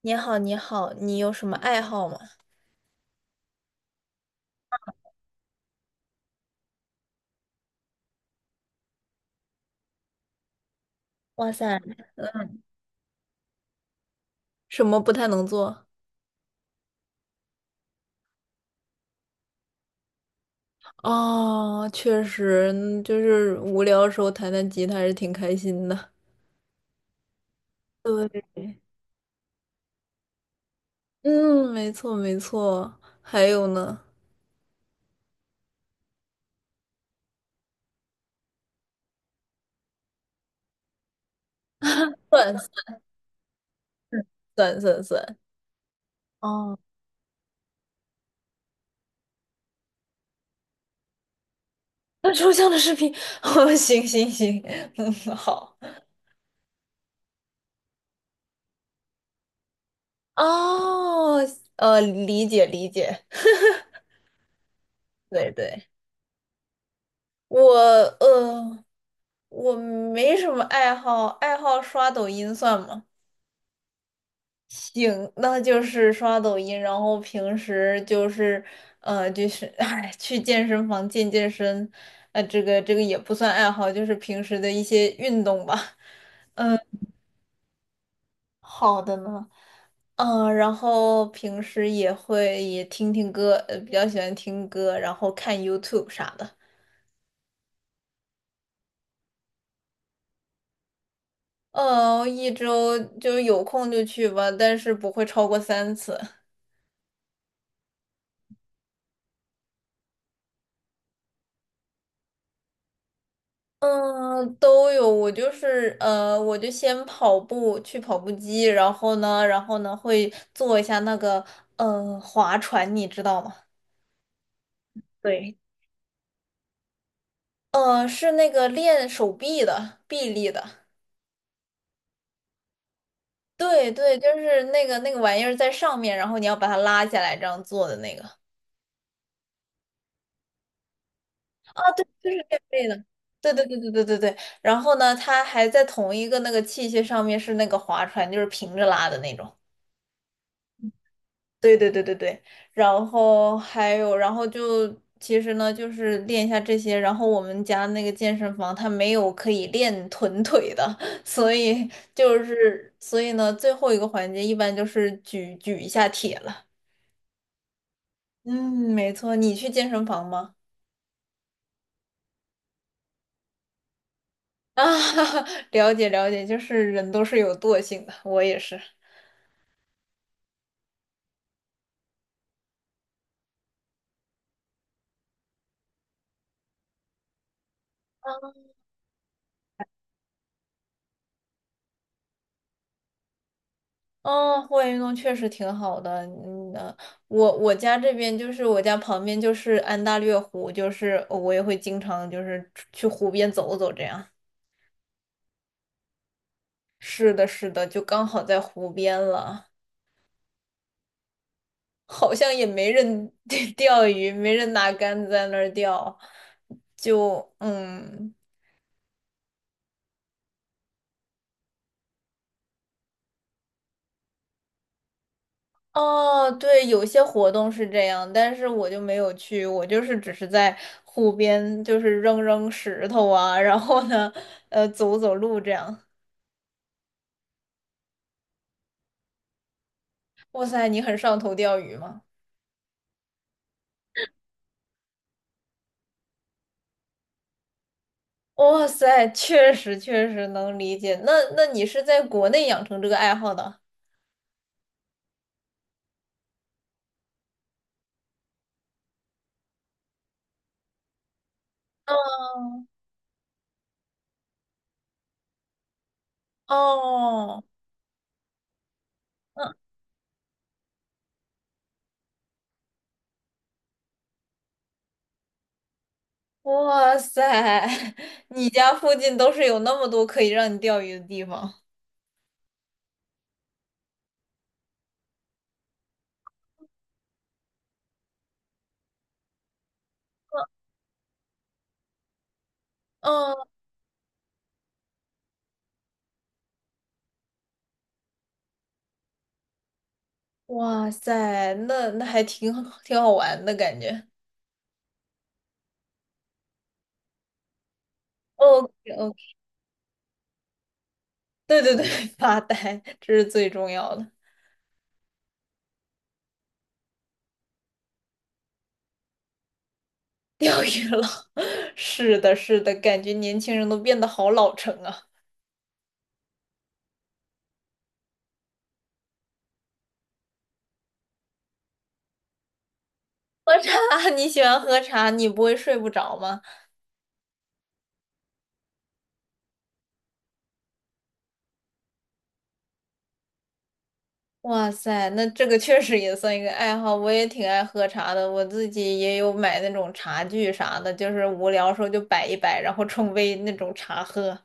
你好，你好，你有什么爱好吗？哇塞，什么不太能做？哦，确实，就是无聊的时候弹弹吉他还是挺开心的。对，嗯，没错没错。还有呢？算算算算 哦，那抽象的视频，哦，行行行，嗯，好。哦，理解理解。对对，我呃，我没什么爱好，爱好刷抖音算吗？行，那就是刷抖音，然后平时就是，哎，去健身房健健身，这个也不算爱好，就是平时的一些运动吧。好的呢，然后平时也会也听听歌，比较喜欢听歌，然后看 YouTube 啥的。嗯，一周就有空就去吧，但是不会超过3次。嗯，都有。我就先跑步，去跑步机，然后呢，会做一下那个划船，你知道吗？对，是那个练手臂的，臂力的。对对，就是那个玩意儿在上面，然后你要把它拉下来，这样做的那个。啊，对，就是这类的。对对对对对对对。然后呢，它还在同一个那个器械上面是那个划船，就是平着拉的那种。对对对对对，然后还有，然后就其实呢，就是练一下这些。然后我们家那个健身房它没有可以练臀腿的，所以就是所以呢，最后一个环节一般就是举举一下铁了。嗯，没错，你去健身房吗？啊，了解了解，就是人都是有惰性的，我也是。哦，户外运动确实挺好的。嗯，我家这边就是我家旁边就是安大略湖，就是我也会经常就是去湖边走走这样。是的，是的，就刚好在湖边了，好像也没人 钓鱼，没人拿杆子在那儿钓，就嗯。哦，对，有些活动是这样，但是我就没有去，我就是只是在湖边，就是扔扔石头啊，然后呢，走走路这样。哇塞，你很上头钓鱼吗？哇塞，确实确实能理解。那你是在国内养成这个爱好的？嗯，哦，嗯，哇塞，你家附近都是有那么多可以让你钓鱼的地方。嗯，哇塞，那还挺好玩的感觉。OK OK，对对对，发呆，这是最重要的。钓鱼了，是的，是的，感觉年轻人都变得好老成啊。喝茶，你喜欢喝茶，你不会睡不着吗？哇塞，那这个确实也算一个爱好，我也挺爱喝茶的，我自己也有买那种茶具啥的，就是无聊时候就摆一摆，然后冲杯那种茶喝。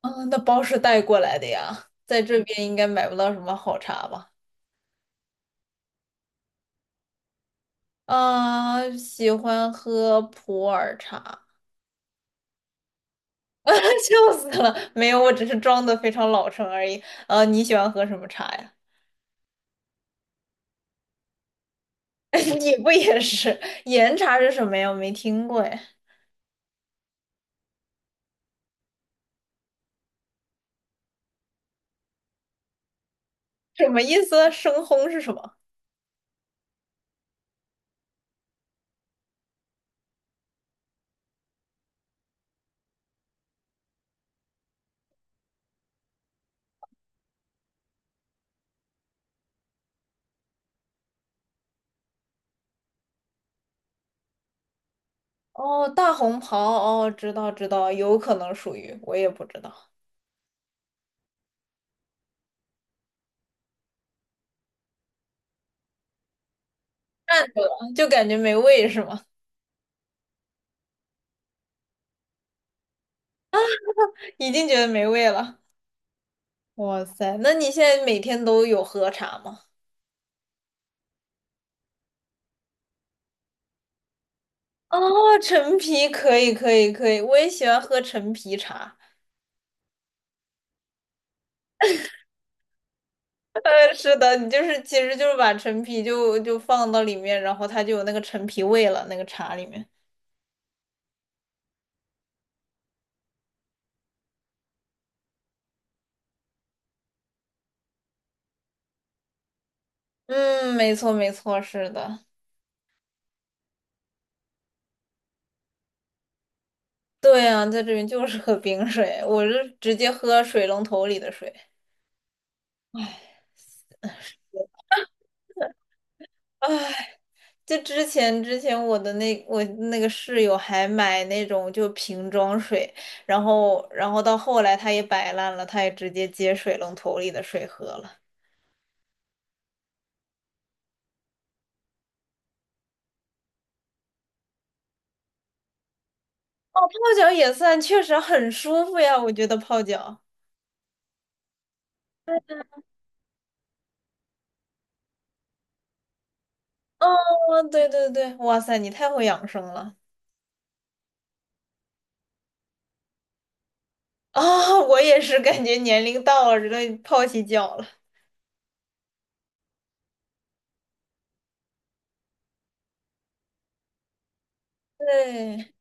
啊，那包是带过来的呀，在这边应该买不到什么好茶吧？啊，喜欢喝普洱茶，笑死了，没有，我只是装的非常老成而已。你喜欢喝什么茶呀？你不也是岩茶是什么呀？我没听过哎，什么意思？生烘是什么？哦，大红袍，哦，知道知道，有可能属于，我也不知道。看着了就感觉没味是吗？已经觉得没味了。哇塞，那你现在每天都有喝茶吗？哦，陈皮可以可以可以，我也喜欢喝陈皮茶。是的，你就是其实就是把陈皮就放到里面，然后它就有那个陈皮味了，那个茶里面。嗯，没错没错，是的。对啊，在这边就是 喝冰水，我是直接喝水龙头里的水。唉，就之前我那个室友还买那种就瓶装水，然后到后来他也摆烂了，他也直接接水龙头里的水喝了。哦，泡脚也算，确实很舒服呀，我觉得泡脚。哦，对对对，哇塞，你太会养生了啊！我也是感觉年龄到了，这个泡起脚了。对。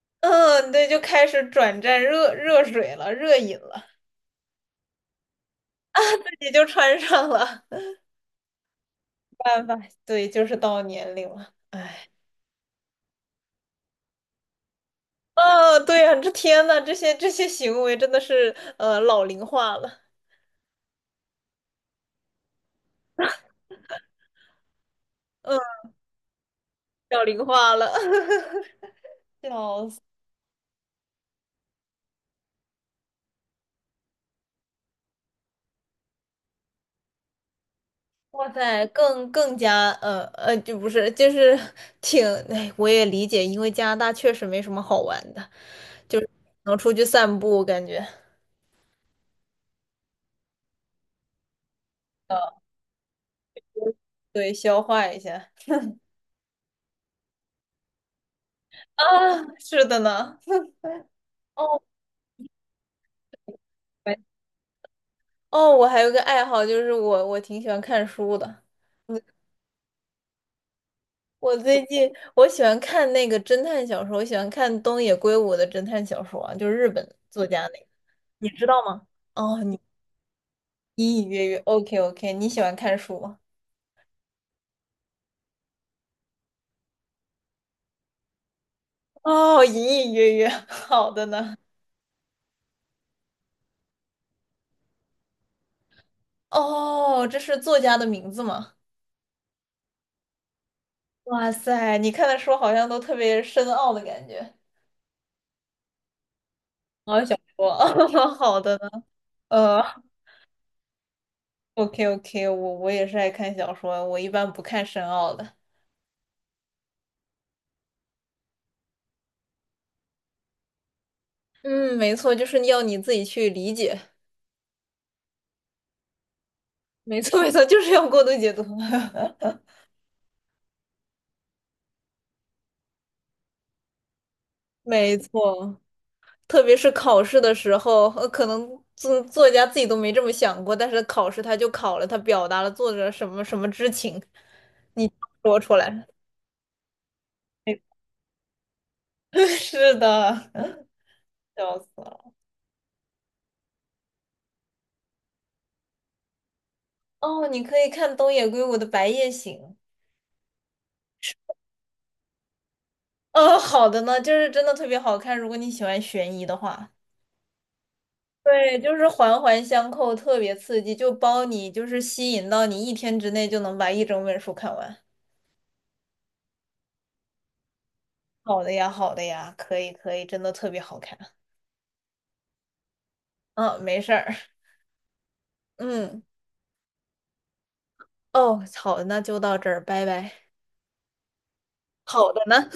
嗯，对，就开始转战热水了，热饮了，自己就穿上了，没办法，对，就是到年龄了，哎，啊，对呀，这天呐，这些行为真的是老龄化了，嗯，老龄化了，哇塞，更加就不是，就是挺，哎，我也理解，因为加拿大确实没什么好玩的，就是能出去散步，感觉，呃，对，消化一下啊，是的呢，哦。哦，我还有个爱好，就是我挺喜欢看书的。嗯我最近我喜欢看那个侦探小说，我喜欢看东野圭吾的侦探小说啊，就是日本作家那个，你知道吗？哦，一 OK OK，你喜欢看书吗？哦，隐隐约约，好的呢。哦，这是作家的名字吗？哇塞，你看的书好像都特别深奥的感觉。哦，小说，好的呢。呃，OK OK，我也是爱看小说，我一般不看深奥的。嗯，没错，就是要你自己去理解。没错，没错，就是要过度解读。没错，特别是考试的时候，可能作家自己都没这么想过，但是考试他就考了，他表达了作者什么什么之情，你说出来。没 是的，笑死了。哦，你可以看东野圭吾的《白夜行》。好的呢，就是真的特别好看，如果你喜欢悬疑的话。对，就是环环相扣，特别刺激，就包你，就是吸引到你一天之内就能把一整本书看完。好的呀，好的呀，可以可以，真的特别好看。嗯，没事儿。嗯，哦，好的，那就到这儿，拜拜。好的呢。